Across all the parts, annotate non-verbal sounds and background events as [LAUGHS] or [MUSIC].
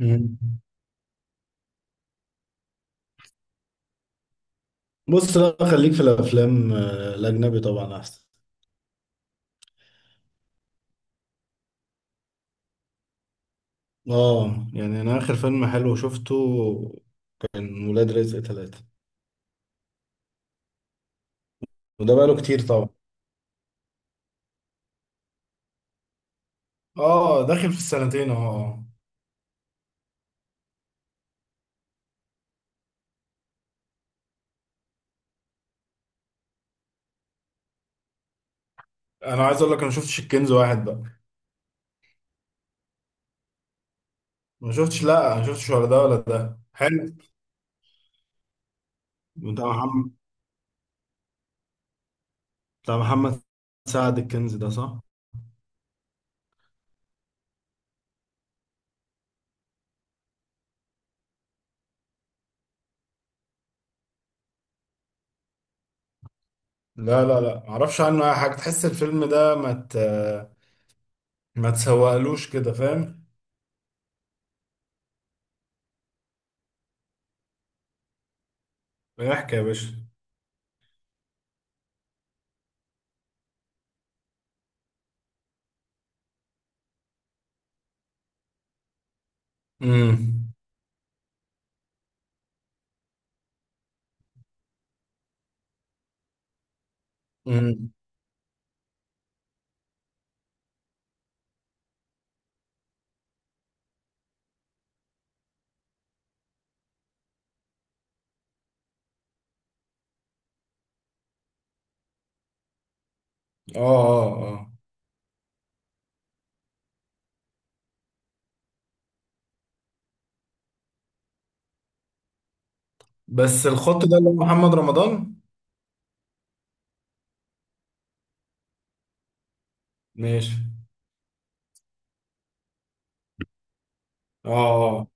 مم. بص، لا خليك في الافلام، الاجنبي طبعا احسن. اه يعني انا اخر فيلم حلو شفته كان ولاد رزق ثلاثة، وده بقاله كتير طبعا. اه داخل في السنتين اهو. اه، انا عايز اقول لك انا ما شفتش الكنز واحد بقى. ما شفتش، لا ما شفتش ولا ده ولا ده. حلو. بتاع محمد بتاع محمد سعد، الكنز ده، صح؟ لا لا لا، معرفش عنه اي حاجه. تحس الفيلم ده ما تسوقلوش كده، فاهم؟ احكي يا باشا. امم. اه اه اه. بس الخط ده اللي هو محمد رمضان؟ ماشي. اه اه.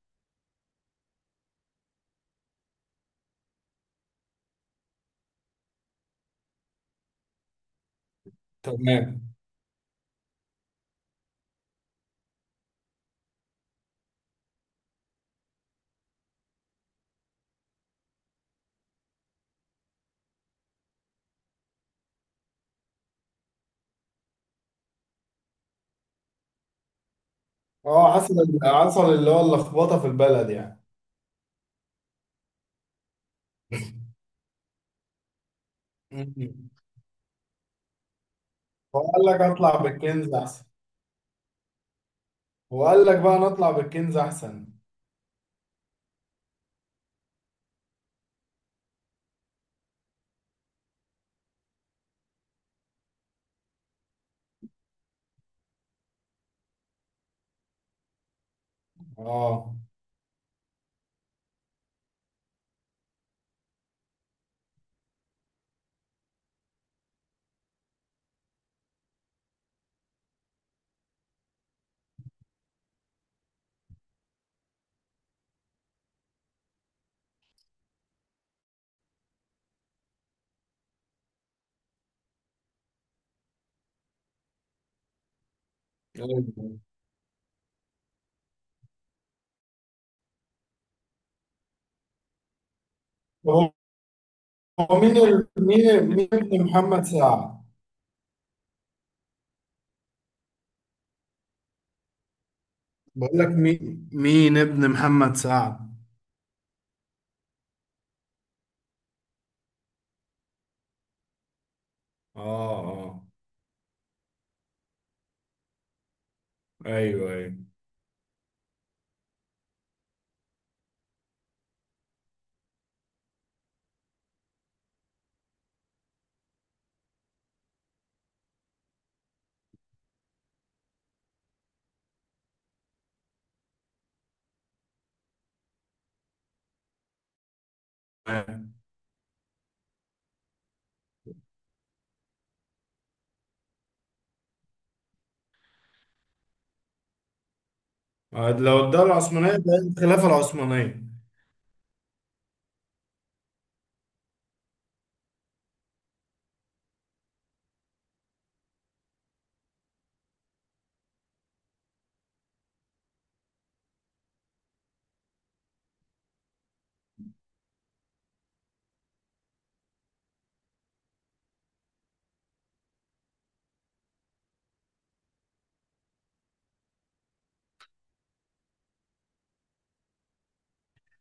تمام. اه حصل، اللي هو اللخبطه في البلد يعني. مم. هو قال لك اطلع بالكنز احسن؟ هو قال لك بقى نطلع بالكنز احسن. اه. هو، هو مين ال... مين مين ابن محمد سعد؟ بقول لك، مين ابن محمد سعد؟ اه اه. ايوه ايوه. لو الدولة العثمانية بقت الخلافة العثمانية.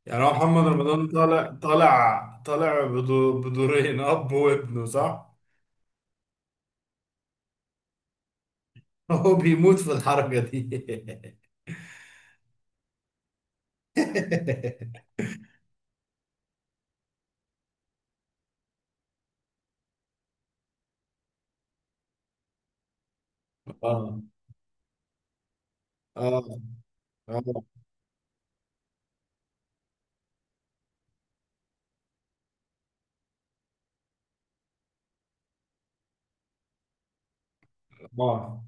يعني هو محمد رمضان طالع، بدورين اب وابنه، صح؟ [LAUGHS] هو بيموت في الحركة دي [LAUGHS] اه اه اه اه.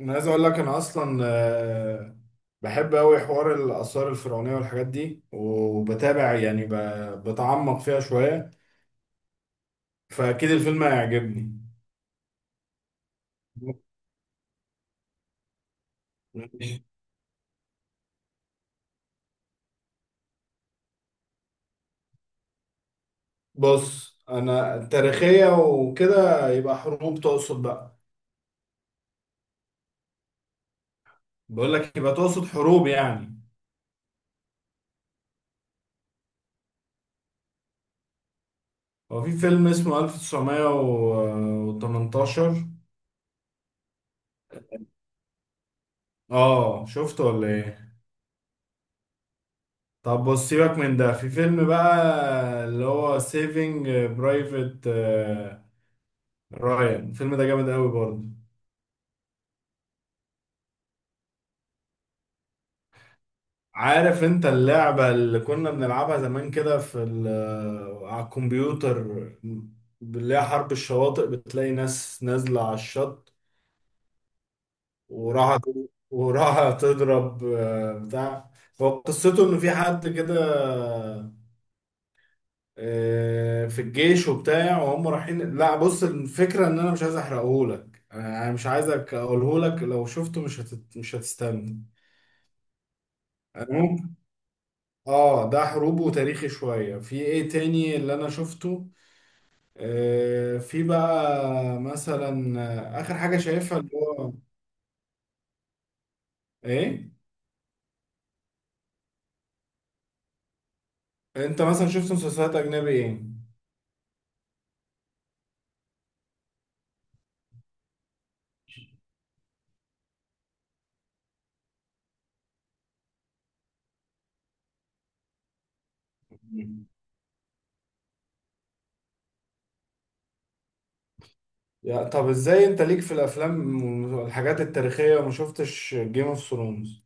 انا عايز اقول لك، انا اصلا بحب قوي حوار الاثار الفرعونيه والحاجات دي، وبتابع يعني بتعمق فيها شويه، فاكيد الفيلم هيعجبني. ماشي. بص، انا تاريخيه وكده، يبقى حروب تقصد بقى؟ بقول لك، يبقى تقصد حروب يعني؟ هو في فيلم اسمه 1918. اه، شفته ولا ايه؟ طب بص، سيبك من ده. في فيلم بقى اللي هو سيفينج برايفت رايان. الفيلم ده جامد قوي برضه. عارف انت اللعبة اللي كنا بنلعبها زمان كده في على الكمبيوتر، اللي هي حرب الشواطئ؟ بتلاقي ناس نازلة على الشط، وراها وراها تضرب بتاع. هو قصته ان في حد كده في الجيش وبتاع وهم رايحين. لا بص، الفكرة ان انا مش عايز احرقهولك، انا مش عايزك اقولهولك. لو شفته مش هتستنى. أنا ممكن. اه ده حروب وتاريخي شوية. في ايه تاني اللي انا شفته؟ آه في بقى مثلا، اخر حاجة شايفها اللي هو ايه. انت مثلا شفت مسلسلات اجنبي ايه؟ يا طب، ازاي انت ليك في الافلام والحاجات التاريخية وما شفتش جيم اوف ثرونز؟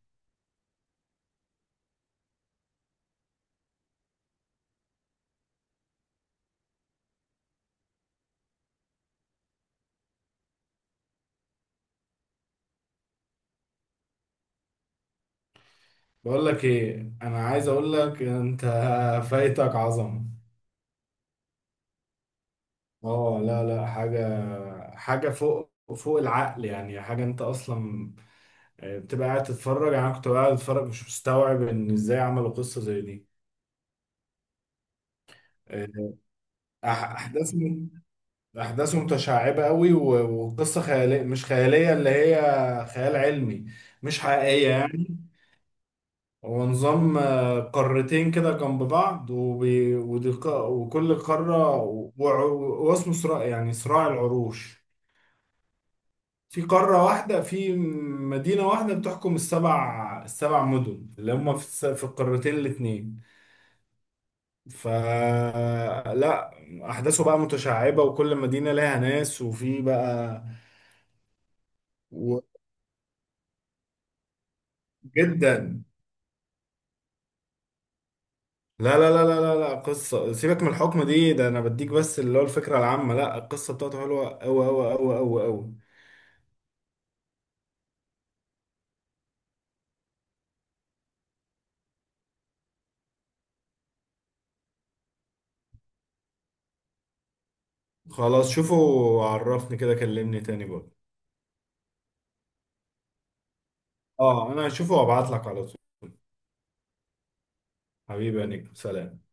بقول لك ايه، انا عايز اقول لك، انت [LAUGHS] فايتك عظمه. اه لا لا، حاجه حاجه فوق، فوق العقل يعني. حاجه انت اصلا بتبقى قاعد تتفرج. يعني انا كنت قاعد اتفرج مش مستوعب ان ازاي عملوا قصه زي دي. آه، أح- احداث م- احداث متشعبه قوي، وقصه خياليه، مش خياليه، اللي هي خيال علمي، مش حقيقيه يعني. هو نظام قارتين كده جنب بعض، وكل قارة واسمه صراع، يعني صراع العروش. في قارة واحدة، في مدينة واحدة بتحكم السبع، مدن اللي هم في، في القارتين الاتنين. فلا، أحداثه بقى متشعبة، وكل مدينة لها ناس وفي بقى و... جدا. لا لا لا لا لا لا، قصة سيبك من الحكم دي، ده أنا بديك بس اللي هو الفكرة العامة. لا، القصة بتاعته حلوة أوي أوي أوي أوي أوي. خلاص، شوفه وعرفني كده، كلمني تاني بقى. اه انا هشوفه وابعت لك على طول. حبيبي يا نجم، سلام.